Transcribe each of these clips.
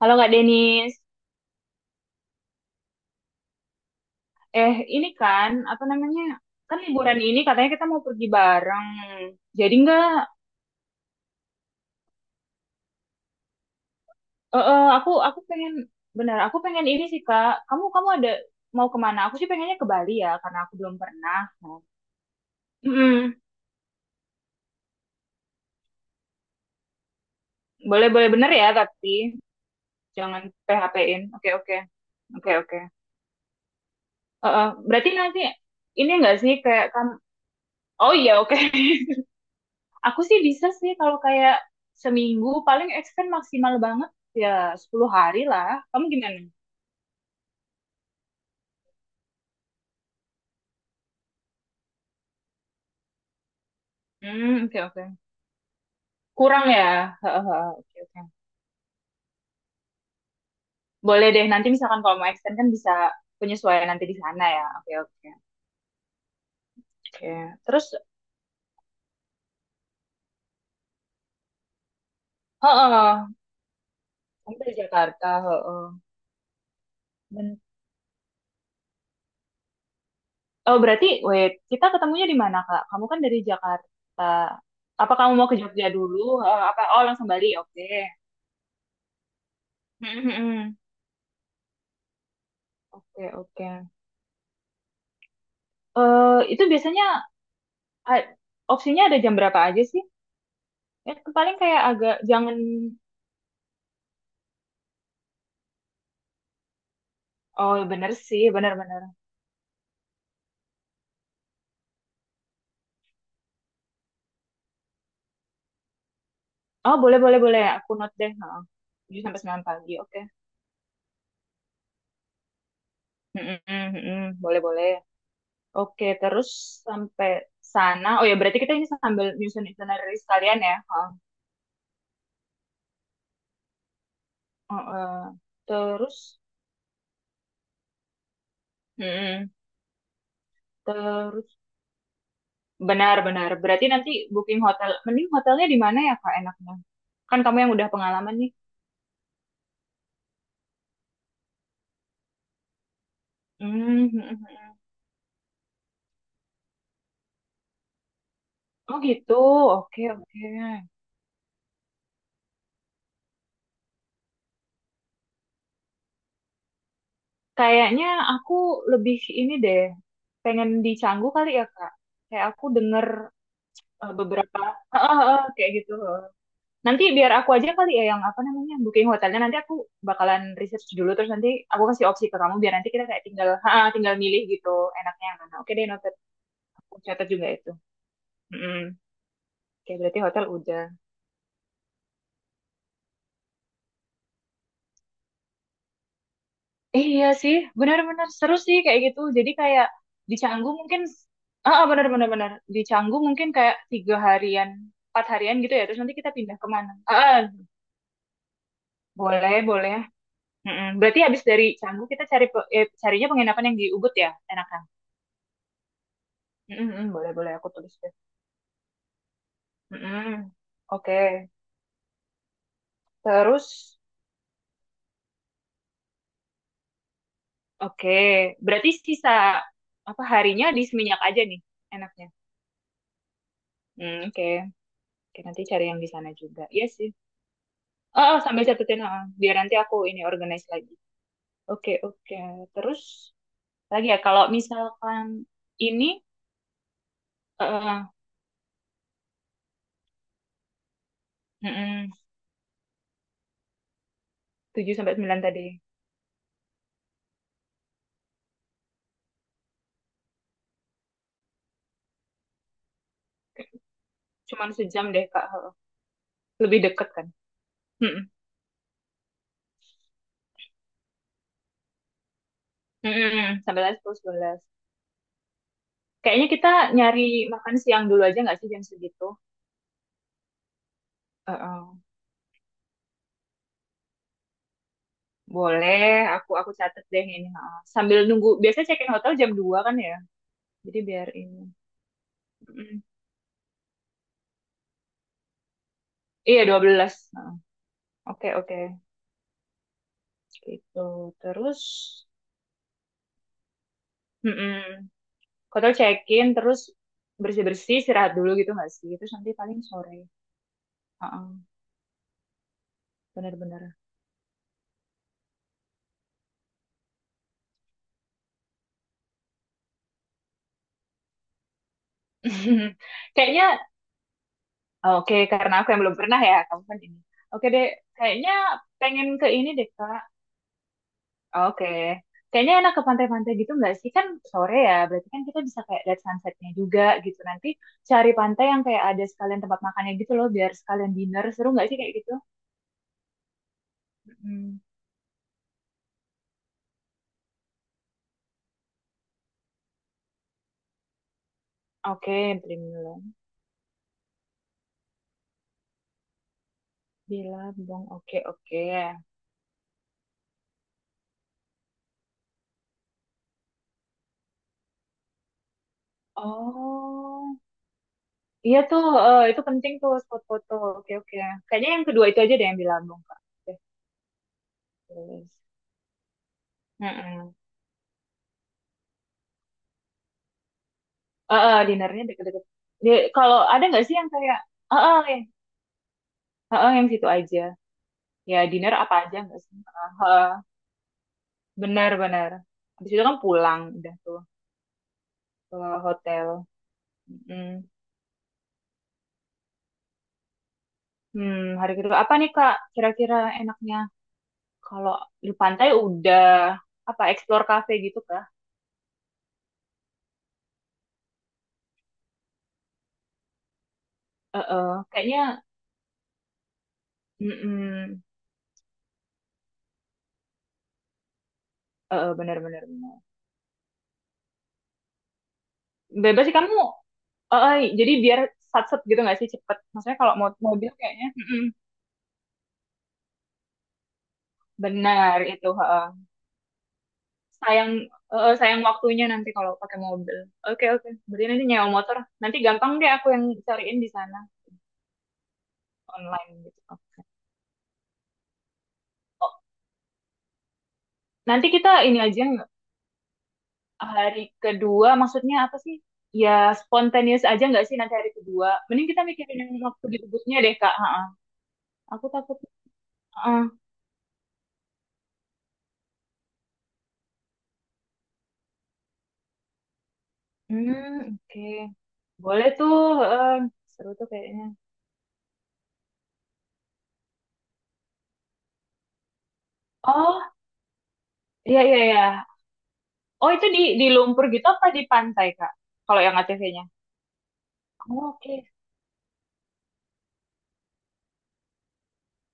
Halo Kak Denis, ini kan apa namanya, kan liburan ini katanya kita mau pergi bareng. Jadi nggak. Aku pengen, benar aku pengen ini sih Kak. Kamu kamu ada mau kemana? Aku sih pengennya ke Bali ya karena aku belum pernah. Mm-mm. Boleh boleh bener ya tapi jangan PHP-in. Oke oke oke oke. Berarti nanti ini enggak sih kayak kamu? Oh iya oke. Aku sih bisa sih kalau kayak seminggu paling extend maksimal banget, ya 10 hari lah. Kamu gimana? Hmm, oke oke. Kurang ya. Hehehe, oke oke. Boleh deh, nanti misalkan kalau mau extend kan bisa penyesuaian nanti di sana ya. Oke oke. Oke. Terus heeh, kamu dari Jakarta, heeh. Ben- Oh, berarti wait, kita ketemunya di mana, Kak? Kamu kan dari Jakarta. Apa kamu mau ke Jogja dulu? Heeh, apa oh langsung Bali? Oke. Hmm, hmm, hmm. Oke, oke. Itu biasanya a- opsinya ada jam berapa aja sih? Ya, paling kayak agak jangan. Oh, bener sih, bener-bener. Oh, boleh, boleh, boleh. Aku note deh. Heeh. Tujuh sampai 9 pagi, oke. Mm-mm, mm-mm, boleh, boleh. Oke, terus sampai sana. Oh ya, berarti kita ini sambil nyusun itinerary sekalian ya. Heeh. Heeh. Terus, mm-mm, terus benar-benar. Berarti nanti booking hotel, mending hotelnya di mana ya, Kak, enaknya? Kan kamu yang udah pengalaman nih. Hmm. Oh gitu, oke oke. Kayaknya aku lebih ini deh, pengen di Canggu kali ya Kak. Kayak aku denger beberapa, kayak gitu. Nanti biar aku aja kali ya yang apa namanya booking hotelnya. Nanti aku bakalan research dulu, terus nanti aku kasih opsi ke kamu biar nanti kita kayak tinggal, ha, tinggal milih gitu enaknya yang mana. Oke deh, noted. Aku catat juga itu. Mm-mm. Oke, berarti hotel udah. Iya sih, benar-benar seru sih kayak gitu. Jadi kayak di Canggu mungkin, ah ah, benar-benar benar. Di Canggu mungkin kayak tiga harian, empat harian gitu ya. Terus nanti kita pindah kemana? Ah, ah, boleh boleh. Mm-mm. Berarti habis dari Canggu kita cari carinya penginapan yang di Ubud ya, enakan. Mm-mm, mm, boleh boleh aku tulis deh. Mm-mm. Oke, terus oke. Berarti sisa apa harinya di Seminyak aja nih, enaknya. Hmm oke, oke, nanti cari yang di sana juga. Iya sih. Oh, oh, sambil catetin, ha, biar nanti aku ini organize lagi. Oke, oke. Terus lagi ya, kalau misalkan ini eh mm-mm, 7 sampai 9 tadi. Cuman sejam deh, Kak. Ha. Lebih deket kan. Mm-mm. Mm-mm. Sampai lah 10, 11. Kayaknya kita nyari makan siang dulu aja nggak sih jam segitu? Eh, eh. Boleh, aku catet deh ini. Ha. Sambil nunggu, biasanya check-in hotel jam 2 kan ya. Jadi biar ini. Mm-mm. Iya, dua belas. Ha. Oke, oke. Gitu terus mm-mm. Hotel check in terus bersih bersih, istirahat dulu gitu nggak sih, terus nanti paling sore. Heeh, bener-bener. Kayaknya oke, karena aku yang belum pernah ya, kamu kan ini. Oke deh, kayaknya pengen ke ini deh Kak. Oke, kayaknya enak ke pantai-pantai gitu nggak sih? Kan sore ya, berarti kan kita bisa kayak lihat sunsetnya juga gitu. Nanti cari pantai yang kayak ada sekalian tempat makannya gitu loh, biar sekalian dinner seru nggak sih kayak gitu. Mm. Oke, print. Di Labong, oke oke. Oh, iya tuh, itu penting tuh spot foto. Oke oke. Kayaknya yang kedua itu aja deh, yang di Labong, Kak. Oke, terus. Heeh. Heeh, dinernya deket-deket. Kalau ada nggak sih yang kayak, heeh, yang, heeh, yang situ aja. Ya dinner apa aja nggak sih? Heeh, benar-benar. Habis itu kan pulang udah tuh ke hotel. Mm. Hmm, hari kedua apa nih Kak? Kira-kira enaknya, kalau di pantai udah apa explore cafe gitu kan? Heeh, kayaknya mm-mm, heeh, benar benar benar. Bebas sih kamu. Heeh, jadi biar sat-set gitu nggak sih cepet. Maksudnya kalau mau mobil kayaknya mm-mm, benar itu. Heeh. Sayang heeh, sayang waktunya nanti kalau pakai mobil. Oke oke. Berarti nanti nyewa motor. Nanti gampang deh aku yang cariin di sana online gitu. Oh, nanti kita ini aja nggak? Hari kedua maksudnya apa sih? Ya spontaneous aja nggak sih nanti hari kedua? Mending kita mikirin yang waktu di Ubudnya deh Kak. Heeh. Aku takut. Hmm, oke. Boleh tuh. em, seru tuh kayaknya. Oh, iya, iya, iya. Oh, itu di, lumpur gitu apa di pantai, Kak? Kalau yang ATV-nya. Oh, oke.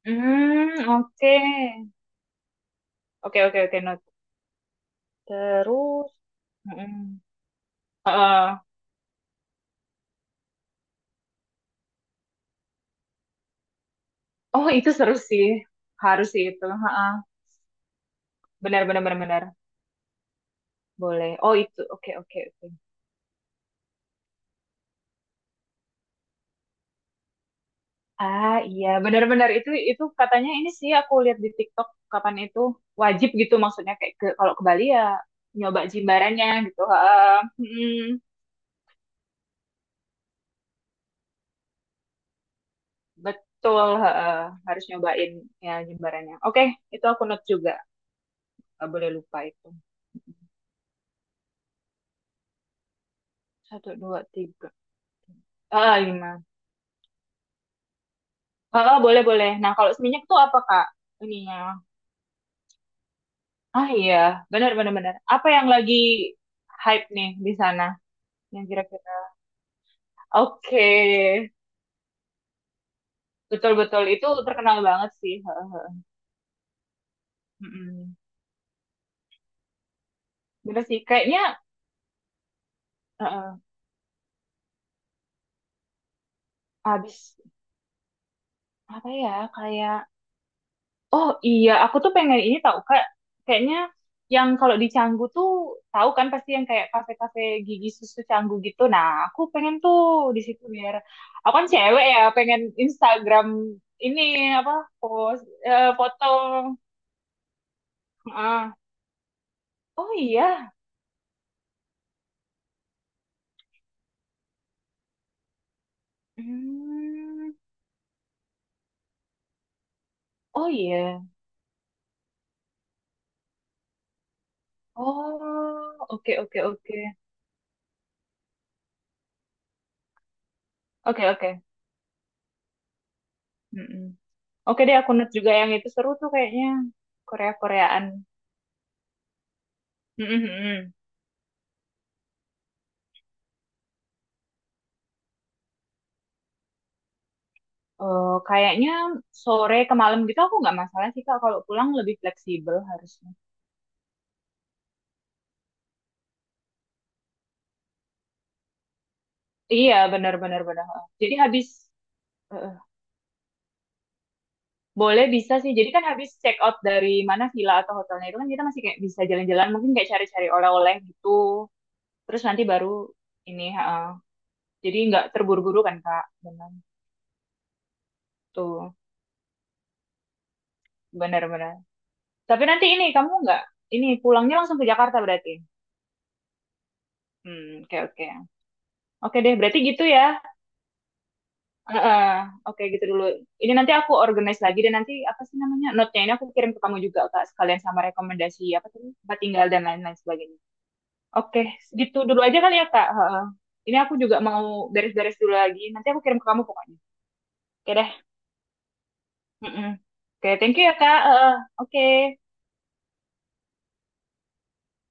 Hmm, oke. Oke, oke, oke, not. Terus, mm-mm. Heeh. Oh, itu seru sih. Harus sih itu. Heeh. Benar, benar, benar, benar. Boleh. Oh, itu. Oke, oke, oke. Ah iya benar-benar, itu katanya, ini sih aku lihat di TikTok kapan itu, wajib gitu maksudnya kayak ke, kalau ke Bali ya nyoba jimbarannya gitu. Heeh. Mm, betul heeh. Harus nyobain ya jimbarannya. Oke, itu aku note juga. Nggak boleh lupa itu. Satu dua tiga. Ah lima. Ah boleh boleh. Nah kalau seminyak tuh apa Kak? Ininya. Ah iya benar benar benar. Apa yang lagi hype nih di sana yang kira-kira? Oke. Betul-betul itu terkenal banget sih. Heeh. Mm-mm. Bener sih, kayaknya heeh, habis apa ya? Kayak oh iya, aku tuh pengen ini tahu Kak. Kayaknya yang kalau di Canggu tuh, tahu kan pasti yang kayak kafe-kafe gigi susu Canggu gitu. Nah, aku pengen tuh di situ, biar aku kan cewek ya, pengen Instagram ini apa post foto. Heeh. Oh iya. Hmm. Oh iya. Oh, oke oke oke. Oke, oke. Mm-mm. Oke deh, aku note juga yang itu, seru tuh kayaknya. Korea-Koreaan. Mm-mm, mm-mm. Kayaknya sore ke malam gitu aku nggak masalah sih Kak. Kalau pulang lebih fleksibel harusnya. Iya, benar-benar benar. Benar, benar. Jadi habis eh, eh, boleh bisa sih. Jadi kan habis check out dari mana villa atau hotelnya itu, kan kita masih kayak bisa jalan-jalan, mungkin kayak cari-cari oleh-oleh gitu. Terus nanti baru ini, ha, jadi nggak terburu-buru kan Kak? Benar tuh, benar-benar. Tapi nanti ini kamu nggak ini, pulangnya langsung ke Jakarta berarti. Hmm, oke oke. Oke deh, berarti gitu ya. Heeh, oke gitu dulu. Ini nanti aku organize lagi, dan nanti apa sih namanya? Note-nya ini aku kirim ke kamu juga Kak, sekalian sama rekomendasi apa tadi? Tempat tinggal dan lain-lain sebagainya. Oke, gitu dulu aja kali ya Kak. Heeh. Ini aku juga mau beres-beres dulu lagi. Nanti aku kirim ke kamu pokoknya. Oke deh. Mm-mm. Oke, thank you ya Kak. Heeh, oke.